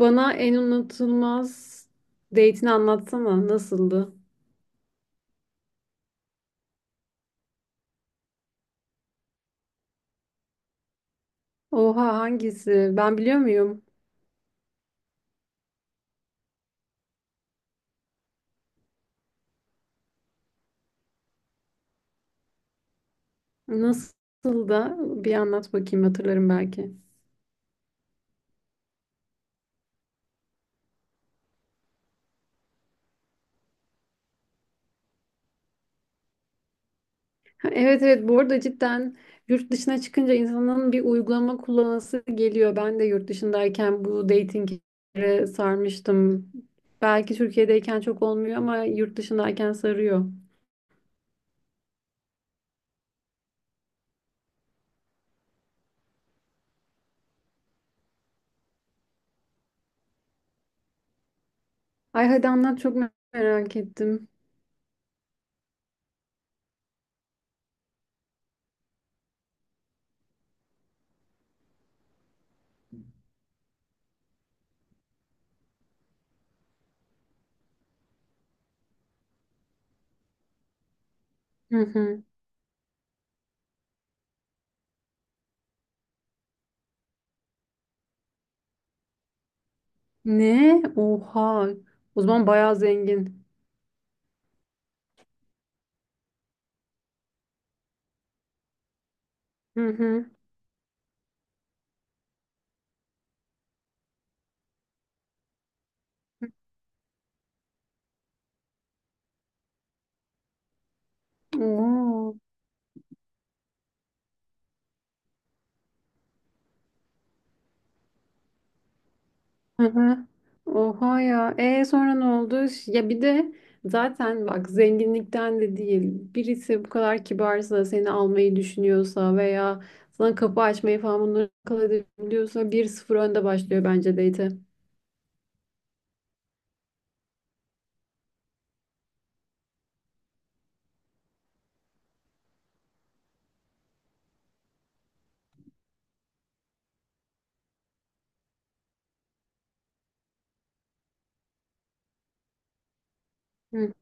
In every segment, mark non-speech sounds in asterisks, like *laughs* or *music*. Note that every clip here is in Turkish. Bana en unutulmaz date'ini anlatsana. Nasıldı? Oha, hangisi? Ben biliyor muyum? Nasıl da, bir anlat bakayım, hatırlarım belki. Ha, evet evet, bu arada cidden yurt dışına çıkınca insanın bir uygulama kullanası geliyor. Ben de yurt dışındayken bu datinglere sarmıştım. Belki Türkiye'deyken çok olmuyor ama yurt dışındayken sarıyor. Ay hadi anlat, çok merak ettim. Hı hı. Ne? Oha. O zaman bayağı zengin. Hı hı. Oo. Hı hı. Oha ya. E sonra ne oldu? Ya bir de zaten bak, zenginlikten de değil. Birisi bu kadar kibarsa, seni almayı düşünüyorsa veya sana kapı açmayı falan bunları akıl edebiliyorsa bir sıfır önde başlıyor bence date'e. Hı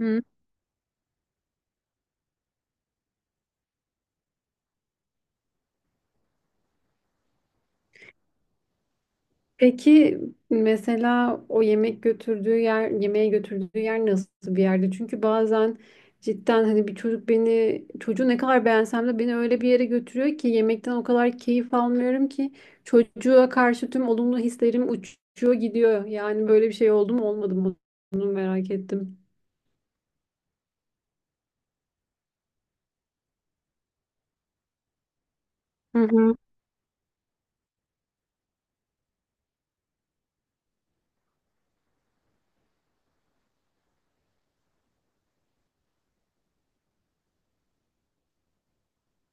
hı. Peki mesela o yemek götürdüğü yer, yemeğe götürdüğü yer nasıl bir yerdi? Çünkü bazen cidden hani bir çocuk beni, çocuğu ne kadar beğensem de beni öyle bir yere götürüyor ki yemekten o kadar keyif almıyorum ki çocuğa karşı tüm olumlu hislerim uçuyor gidiyor. Yani böyle bir şey oldu mu olmadı mı? Bunu merak ettim. Hı hı.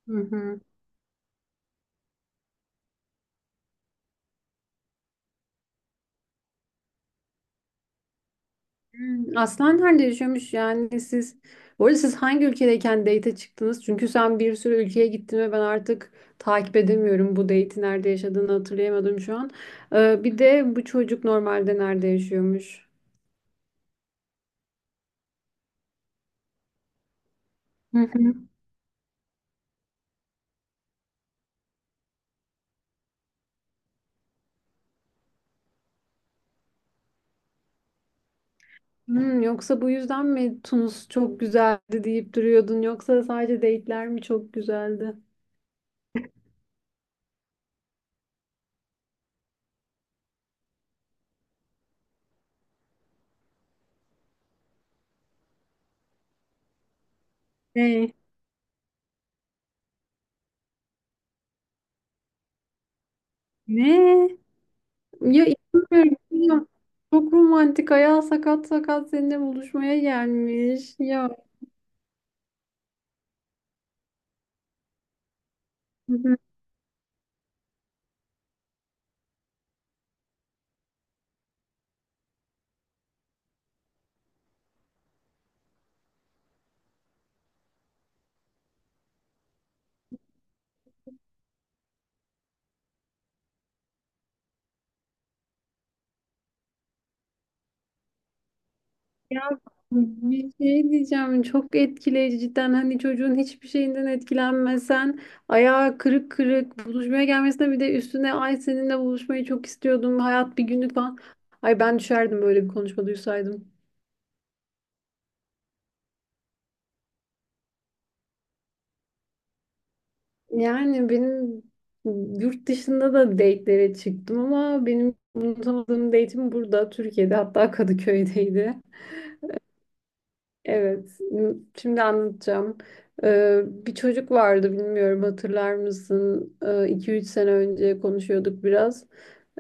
Hı hı. Hmm. Aslan nerede yaşıyormuş, yani siz? Bu arada siz hangi ülkedeyken date'e çıktınız? Çünkü sen bir sürü ülkeye gittin ve ben artık takip edemiyorum. Bu date'i nerede yaşadığını hatırlayamadım şu an. Bir de bu çocuk normalde nerede yaşıyormuş? Hı hı. Hmm, yoksa bu yüzden mi Tunus çok güzeldi deyip duruyordun? Yoksa sadece date'ler mi çok güzeldi? Ne? Ne? Ya inanmıyorum. İnanmıyorum. Çok romantik. Ayağı sakat sakat seninle buluşmaya gelmiş. Ya. Bir şey diyeceğim, çok etkileyici cidden. Hani çocuğun hiçbir şeyinden etkilenmesen ayağı kırık kırık buluşmaya gelmesine, bir de üstüne ay seninle buluşmayı çok istiyordum, hayat bir günlük falan. Ay, ben düşerdim böyle bir konuşma duysaydım. Yani benim yurt dışında da date'lere çıktım ama benim unutamadığım date'im burada Türkiye'de, hatta Kadıköy'deydi. Evet, şimdi anlatacağım. Bir çocuk vardı, bilmiyorum hatırlar mısın? 2 üç sene önce konuşuyorduk biraz.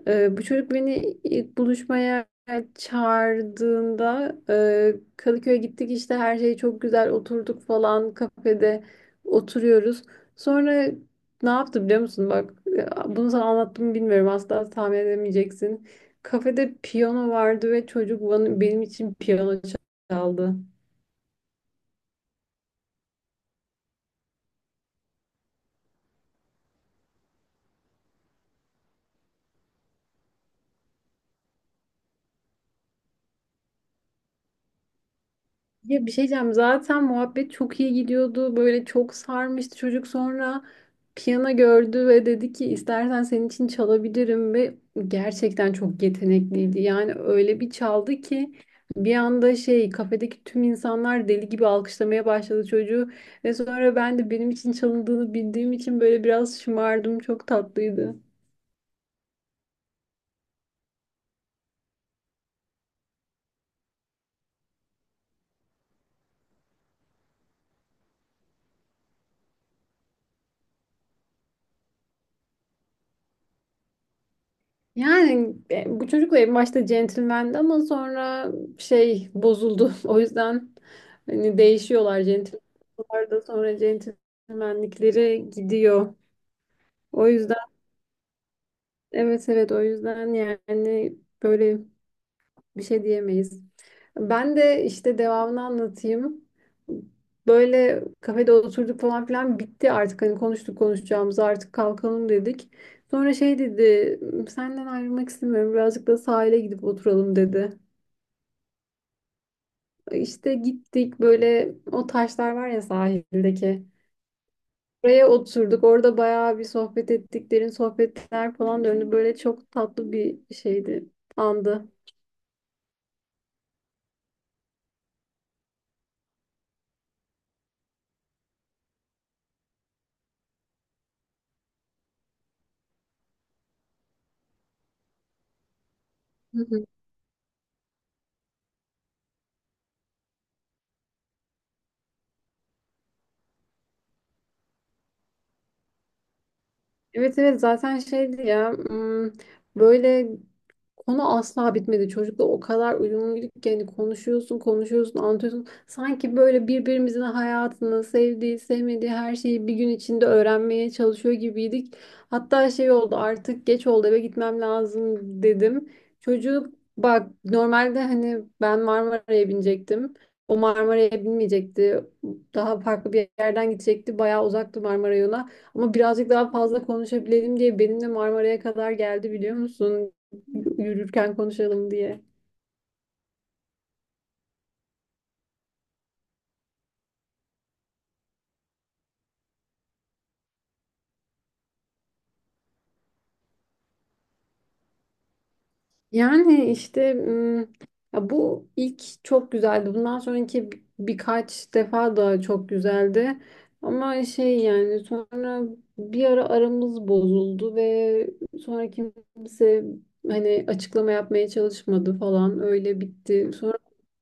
Bu çocuk beni ilk buluşmaya çağırdığında Kadıköy'e gittik, işte her şey çok güzel, oturduk falan kafede, oturuyoruz. Sonra ne yaptı biliyor musun? Bak, bunu sana anlattım mı bilmiyorum, asla tahmin edemeyeceksin. Kafede piyano vardı ve çocuk bana, benim için piyano çaldı. Ya bir şey diyeceğim. Zaten muhabbet çok iyi gidiyordu. Böyle çok sarmıştı çocuk. Sonra piyano gördü ve dedi ki istersen senin için çalabilirim, ve gerçekten çok yetenekliydi. Yani öyle bir çaldı ki bir anda şey, kafedeki tüm insanlar deli gibi alkışlamaya başladı çocuğu, ve sonra ben de benim için çalındığını bildiğim için böyle biraz şımardım. Çok tatlıydı. Yani bu çocukla en başta centilmendi ama sonra şey bozuldu. *laughs* O yüzden hani değişiyorlar centilmenler da sonra centilmenlikleri gidiyor. O yüzden evet evet, o yüzden yani böyle bir şey diyemeyiz. Ben de işte devamını anlatayım. Böyle kafede oturduk falan filan, bitti artık. Hani konuştuk konuşacağımızı, artık kalkalım dedik. Sonra şey dedi, senden ayrılmak istemiyorum, birazcık da sahile gidip oturalım dedi. İşte gittik, böyle o taşlar var ya sahildeki. Oraya oturduk. Orada bayağı bir sohbet ettik. Derin sohbetler falan döndü. Böyle çok tatlı bir şeydi, andı. Evet evet, zaten şeydi ya, böyle konu asla bitmedi. Çocukla o kadar uyumluyduk ki hani konuşuyorsun konuşuyorsun anlatıyorsun. Sanki böyle birbirimizin hayatını, sevdiği sevmediği her şeyi bir gün içinde öğrenmeye çalışıyor gibiydik. Hatta şey oldu, artık geç oldu eve gitmem lazım dedim. Çocuk, bak normalde hani ben Marmara'ya binecektim. O Marmara'ya binmeyecekti. Daha farklı bir yerden gidecekti. Bayağı uzaktı Marmara yolu. Ama birazcık daha fazla konuşabilelim diye benimle Marmara'ya kadar geldi biliyor musun? Yürürken konuşalım diye. Yani işte ya bu ilk çok güzeldi. Bundan sonraki birkaç defa daha çok güzeldi. Ama şey yani sonra bir ara aramız bozuldu ve sonra kimse hani açıklama yapmaya çalışmadı falan, öyle bitti. Sonra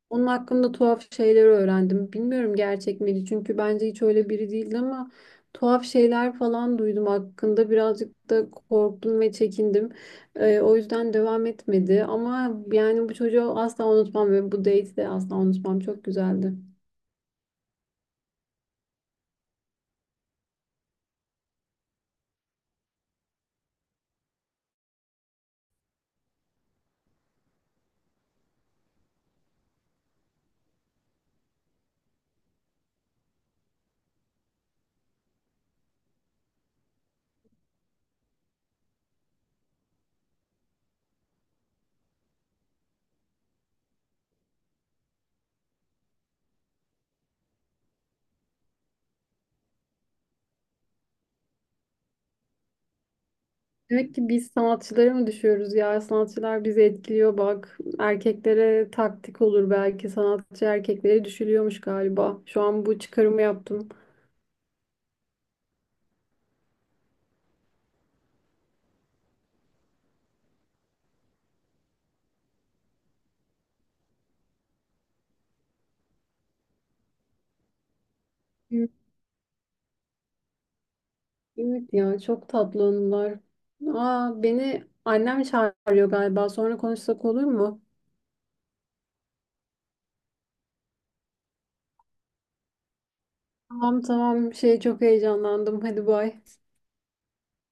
onun hakkında tuhaf şeyler öğrendim. Bilmiyorum gerçek miydi, çünkü bence hiç öyle biri değildi, ama tuhaf şeyler falan duydum hakkında. Birazcık da korktum ve çekindim. O yüzden devam etmedi ama yani bu çocuğu asla unutmam ve bu date'i de asla unutmam. Çok güzeldi. Demek ki biz sanatçılara mı düşüyoruz ya? Sanatçılar bizi etkiliyor bak. Erkeklere taktik olur belki. Sanatçı erkeklere düşülüyormuş galiba. Şu an bu çıkarımı yaptım. Evet ya, çok tatlı anılar. Aa, beni annem çağırıyor galiba. Sonra konuşsak olur mu? Tamam tamam, şey çok heyecanlandım. Hadi bay.